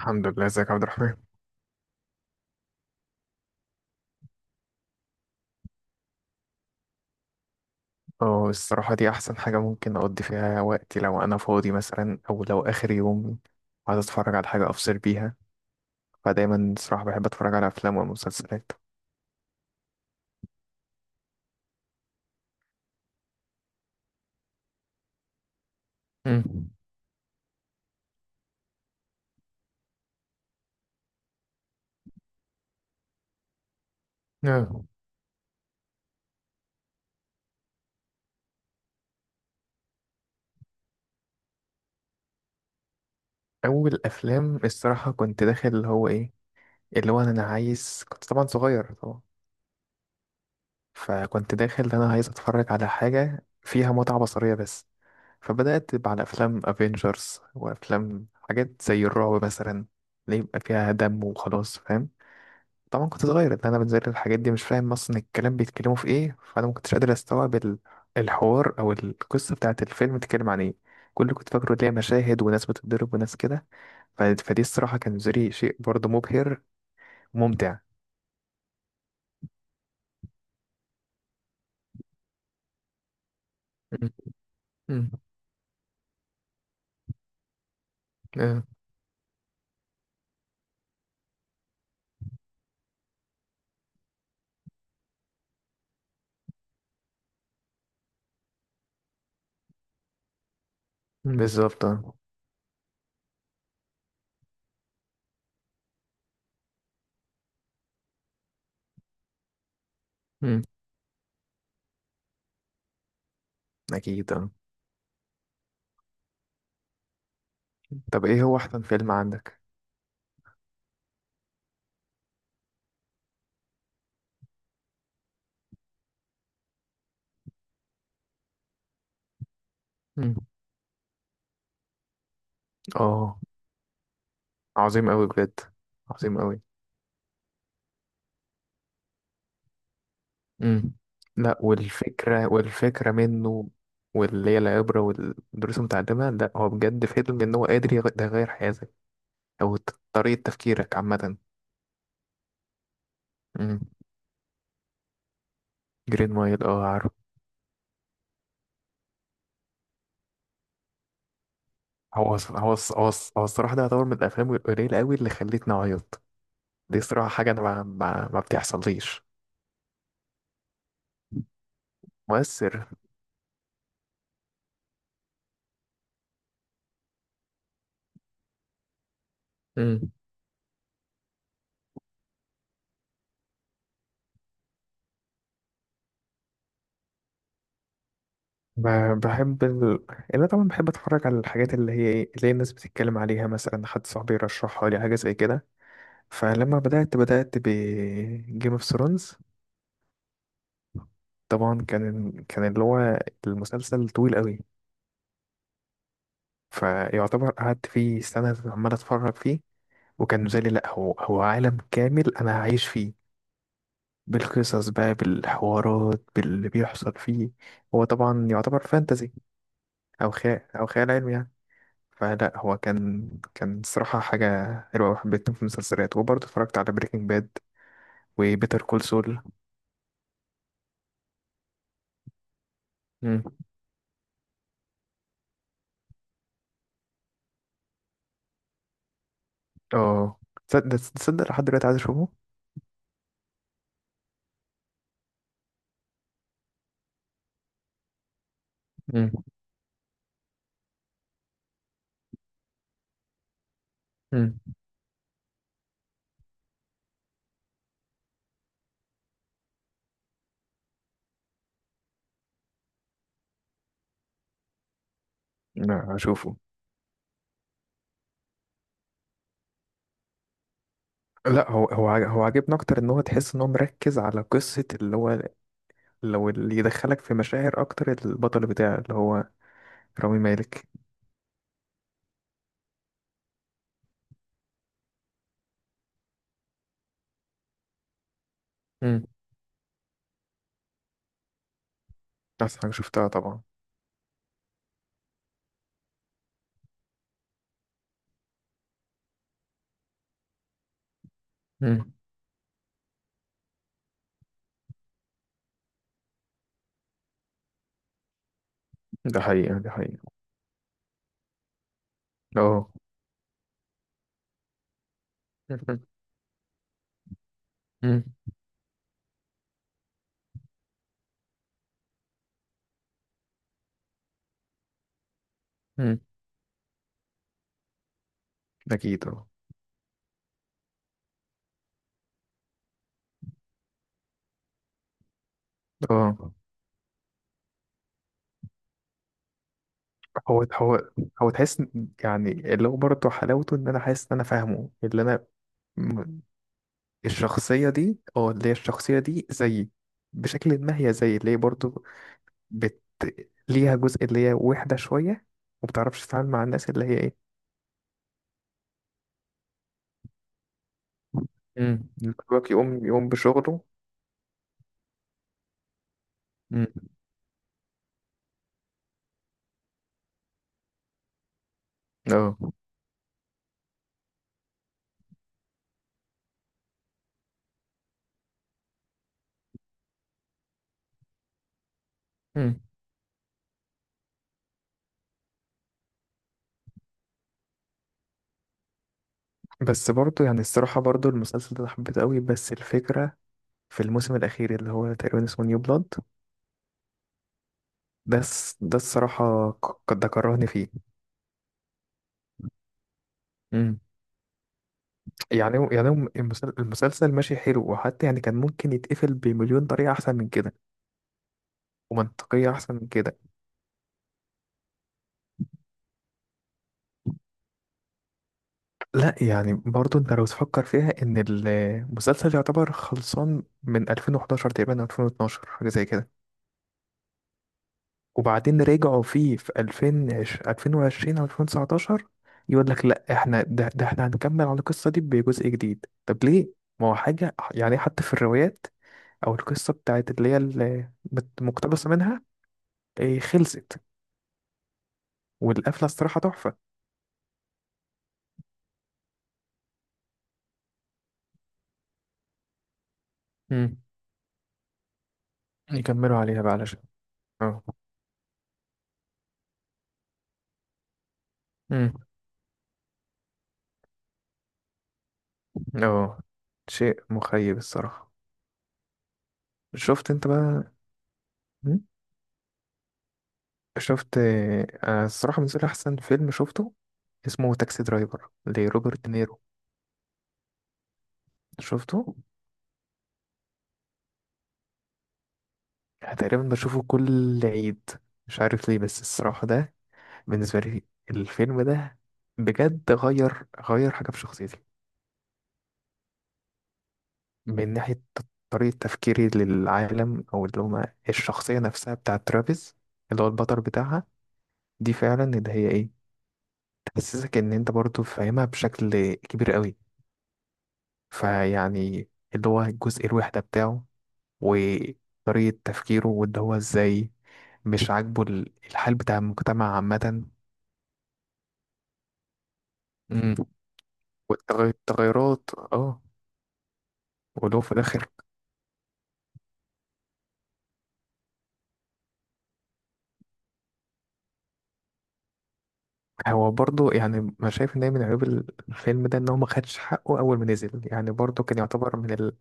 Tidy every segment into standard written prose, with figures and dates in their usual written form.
الحمد لله، ازيك يا عبد الرحمن. اه الصراحة دي أحسن حاجة ممكن أقضي فيها وقتي لو أنا فاضي مثلا أو لو آخر يوم عايز أتفرج على حاجة أفصل بيها. فدايما الصراحة بحب أتفرج على أفلام ومسلسلات. مم. آه. أول أفلام الصراحة كنت داخل اللي هو إيه، اللي هو أنا عايز، كنت طبعا صغير طبعا، فكنت داخل أنا عايز أتفرج على حاجة فيها متعة بصرية بس. فبدأت على أفلام أفينجرز وأفلام حاجات زي الرعب مثلا، اللي يبقى فيها دم وخلاص، فاهم؟ طبعا كنت صغير، اللي انا بنزل الحاجات دي مش فاهم اصلا الكلام بيتكلموا في ايه، فانا ما كنتش قادر استوعب الحوار او القصه بتاعت الفيلم بتتكلم عن ايه. كل اللي كنت فاكره ليه مشاهد وناس بتتضرب وناس كده. ف- فدي الصراحه كان زري شيء برضه مبهر وممتع. مم. مم. آه. مم. بالظبط، آه. مم. اكيد، آه. طب ايه هو احسن فيلم عندك؟ مم. اه. عظيم قوي بجد. عظيم قوي. امم. لا، والفكرة منه، واللي هي العبرة والدروس المتعلمة، لا هو بجد فيلم إن هو قادر ده يغير حياتك أو طريقة تفكيرك عامة. امم. جرين مايل، اه، عارف. هو الصراحة ده يعتبر من الأفلام القليلة أوي اللي خلتني أعيط. دي صراحة حاجة أنا ما بتحصليش. مؤثر. امم. بحب ال... انا طبعا بحب اتفرج على الحاجات اللي هي ايه، اللي هي الناس بتتكلم عليها، مثلا حد صاحبي يرشحها لي حاجه زي كده. فلما بدأت ب Game اوف ثرونز، طبعا كان اللي هو المسلسل طويل قوي، فيعتبر قعدت فيه سنة عمال اتفرج فيه، وكان بالنسبة لي لا، هو عالم كامل انا هعيش فيه، بالقصص بقى، بالحوارات، باللي بيحصل فيه. هو طبعا يعتبر فانتزي او خيال، او خيال علمي يعني. فلا هو كان صراحة حاجة حلوة وحبيتهم في المسلسلات. وبرضه اتفرجت على بريكنج باد وبيتر كول سول. اه. تصدق لحد دلوقتي عايز اشوفه. مم. مم. لا اشوفه. لا، هو عاجبني اكتر ان هو تحس ان هو مركز على قصة اللي هو، لو اللي يدخلك في مشاعر اكتر البطل بتاعه اللي هو رامي مالك. مم. احسن حاجة شفتها طبعا. مم. ده حقيقة، اه. مم. مم. اكيد، اه. اه. هو هو هو تحس يعني اللي هو برضه حلاوته ان انا حاسس ان انا فاهمه، اللي انا الشخصية دي، اه، اللي هي الشخصية دي زيي. بشكل ما هي زيي، اللي هي برضو بت... ليها جزء اللي هي وحدة شوية ومبتعرفش تتعامل مع الناس اللي هي ايه. امم. اللي هو يقوم بشغله. امم. اه. امم. بس برضو يعني الصراحة، برضو المسلسل ده أنا حبيته قوي، بس الفكرة في الموسم الأخير اللي هو تقريبا اسمه نيو بلاد، ده الصراحة، ده كرهني فيه. امم. يعني يعني المسلسل ماشي حلو، وحتى يعني كان ممكن يتقفل بمليون طريقة أحسن من كده ومنطقية أحسن من كده. لا يعني برضو أنت لو تفكر فيها إن المسلسل يعتبر خلصان من 2011 تقريبا أو 2012، حاجة زي كده، وبعدين رجعوا فيه في 2020 أو 2019، يقول لك لا، إحنا ده إحنا هنكمل على القصة دي بجزء جديد. طب ليه؟ ما هو حاجة يعني حتى في الروايات أو القصة بتاعت اللي هي مقتبسة منها إيه، خلصت، والقفلة الصراحة تحفة. مم. يكملوا عليها بقى علشان. اه. اه. شيء مخيب الصراحة. شفت انت بقى؟ م؟ شفت، آه، الصراحة بالنسبة لي أحسن فيلم شفته اسمه تاكسي درايفر لروبرت دينيرو. شفته تقريبا بشوفه كل عيد، مش عارف ليه، بس الصراحة ده بالنسبة لي الفيلم ده بجد غير حاجة في شخصيتي. من ناحية طريقة تفكيري للعالم، أو اللي هما الشخصية نفسها بتاعة ترافيس اللي هو البطل بتاعها. دي فعلا اللي هي ايه، حسسك ان انت برضو فاهمها بشكل كبير قوي. فيعني اللي هو الجزء الوحدة بتاعه وطريقة تفكيره، واللي هو ازاي مش عاجبه الحال بتاع المجتمع عامة. امم. والتغيرات، اه. ولو في الاخر هو برضو يعني ما شايف ان هي من عيوب الفيلم ده ان هو ما خدش حقه اول ما نزل. يعني برضو كان يعتبر من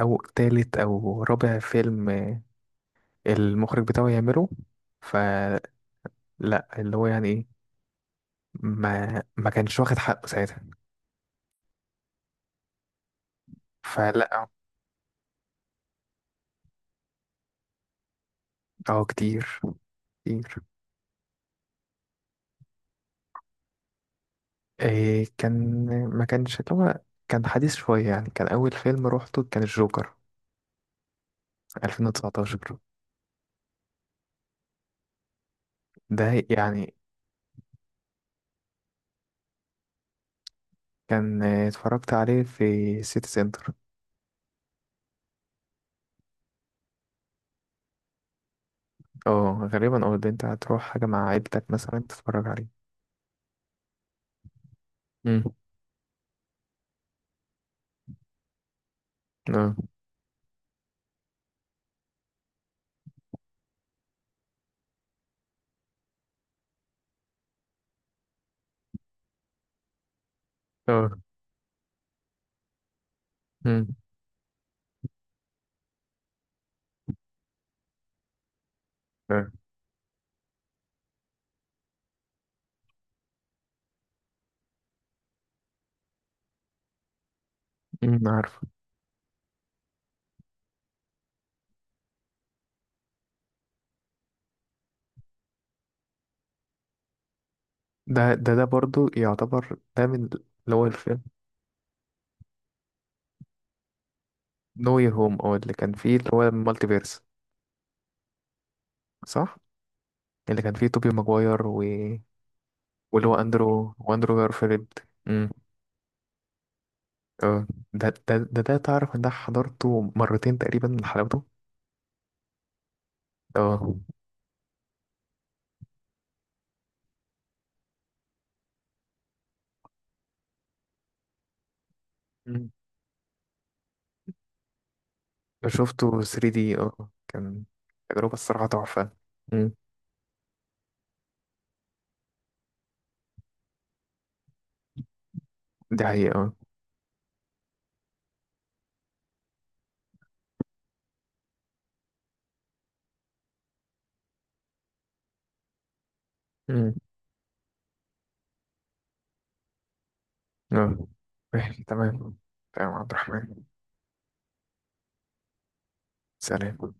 او تالت او رابع فيلم المخرج بتاعه يعمله. فلا اللي هو يعني ما كانش واخد حقه ساعتها. فلا. اه، كتير، كتير. إيه، كان ما كانش اللي هو، كان حديث شوية يعني. كان أول فيلم روحته كان الجوكر 2019. ده يعني كان، آه، اتفرجت عليه في سيتي سنتر. اه، غالبا أو البنت هتروح حاجة مع عيلتك مثلا تتفرج عليه. مم. اه. اه. مم. اه. مم، عارف. ده برضو يعتبر ده من اللي هو الفيلم نو يير هوم، اه، اللي كان فيه اللي هو المالتي فيرس، صح؟ اللي كان فيه توبي ماجواير واللي هو اندرو جارفيلد. امم. اه. ده تعرف ان ده حضرته مرتين تقريبا لحلاوته. اه. مم. شفته 3D، اه كان تجربة الصراحة تحفة. مم. دي حقيقة، اه. مم. اه. ماشي، تمام. تمام عبد الرحمن. سلام.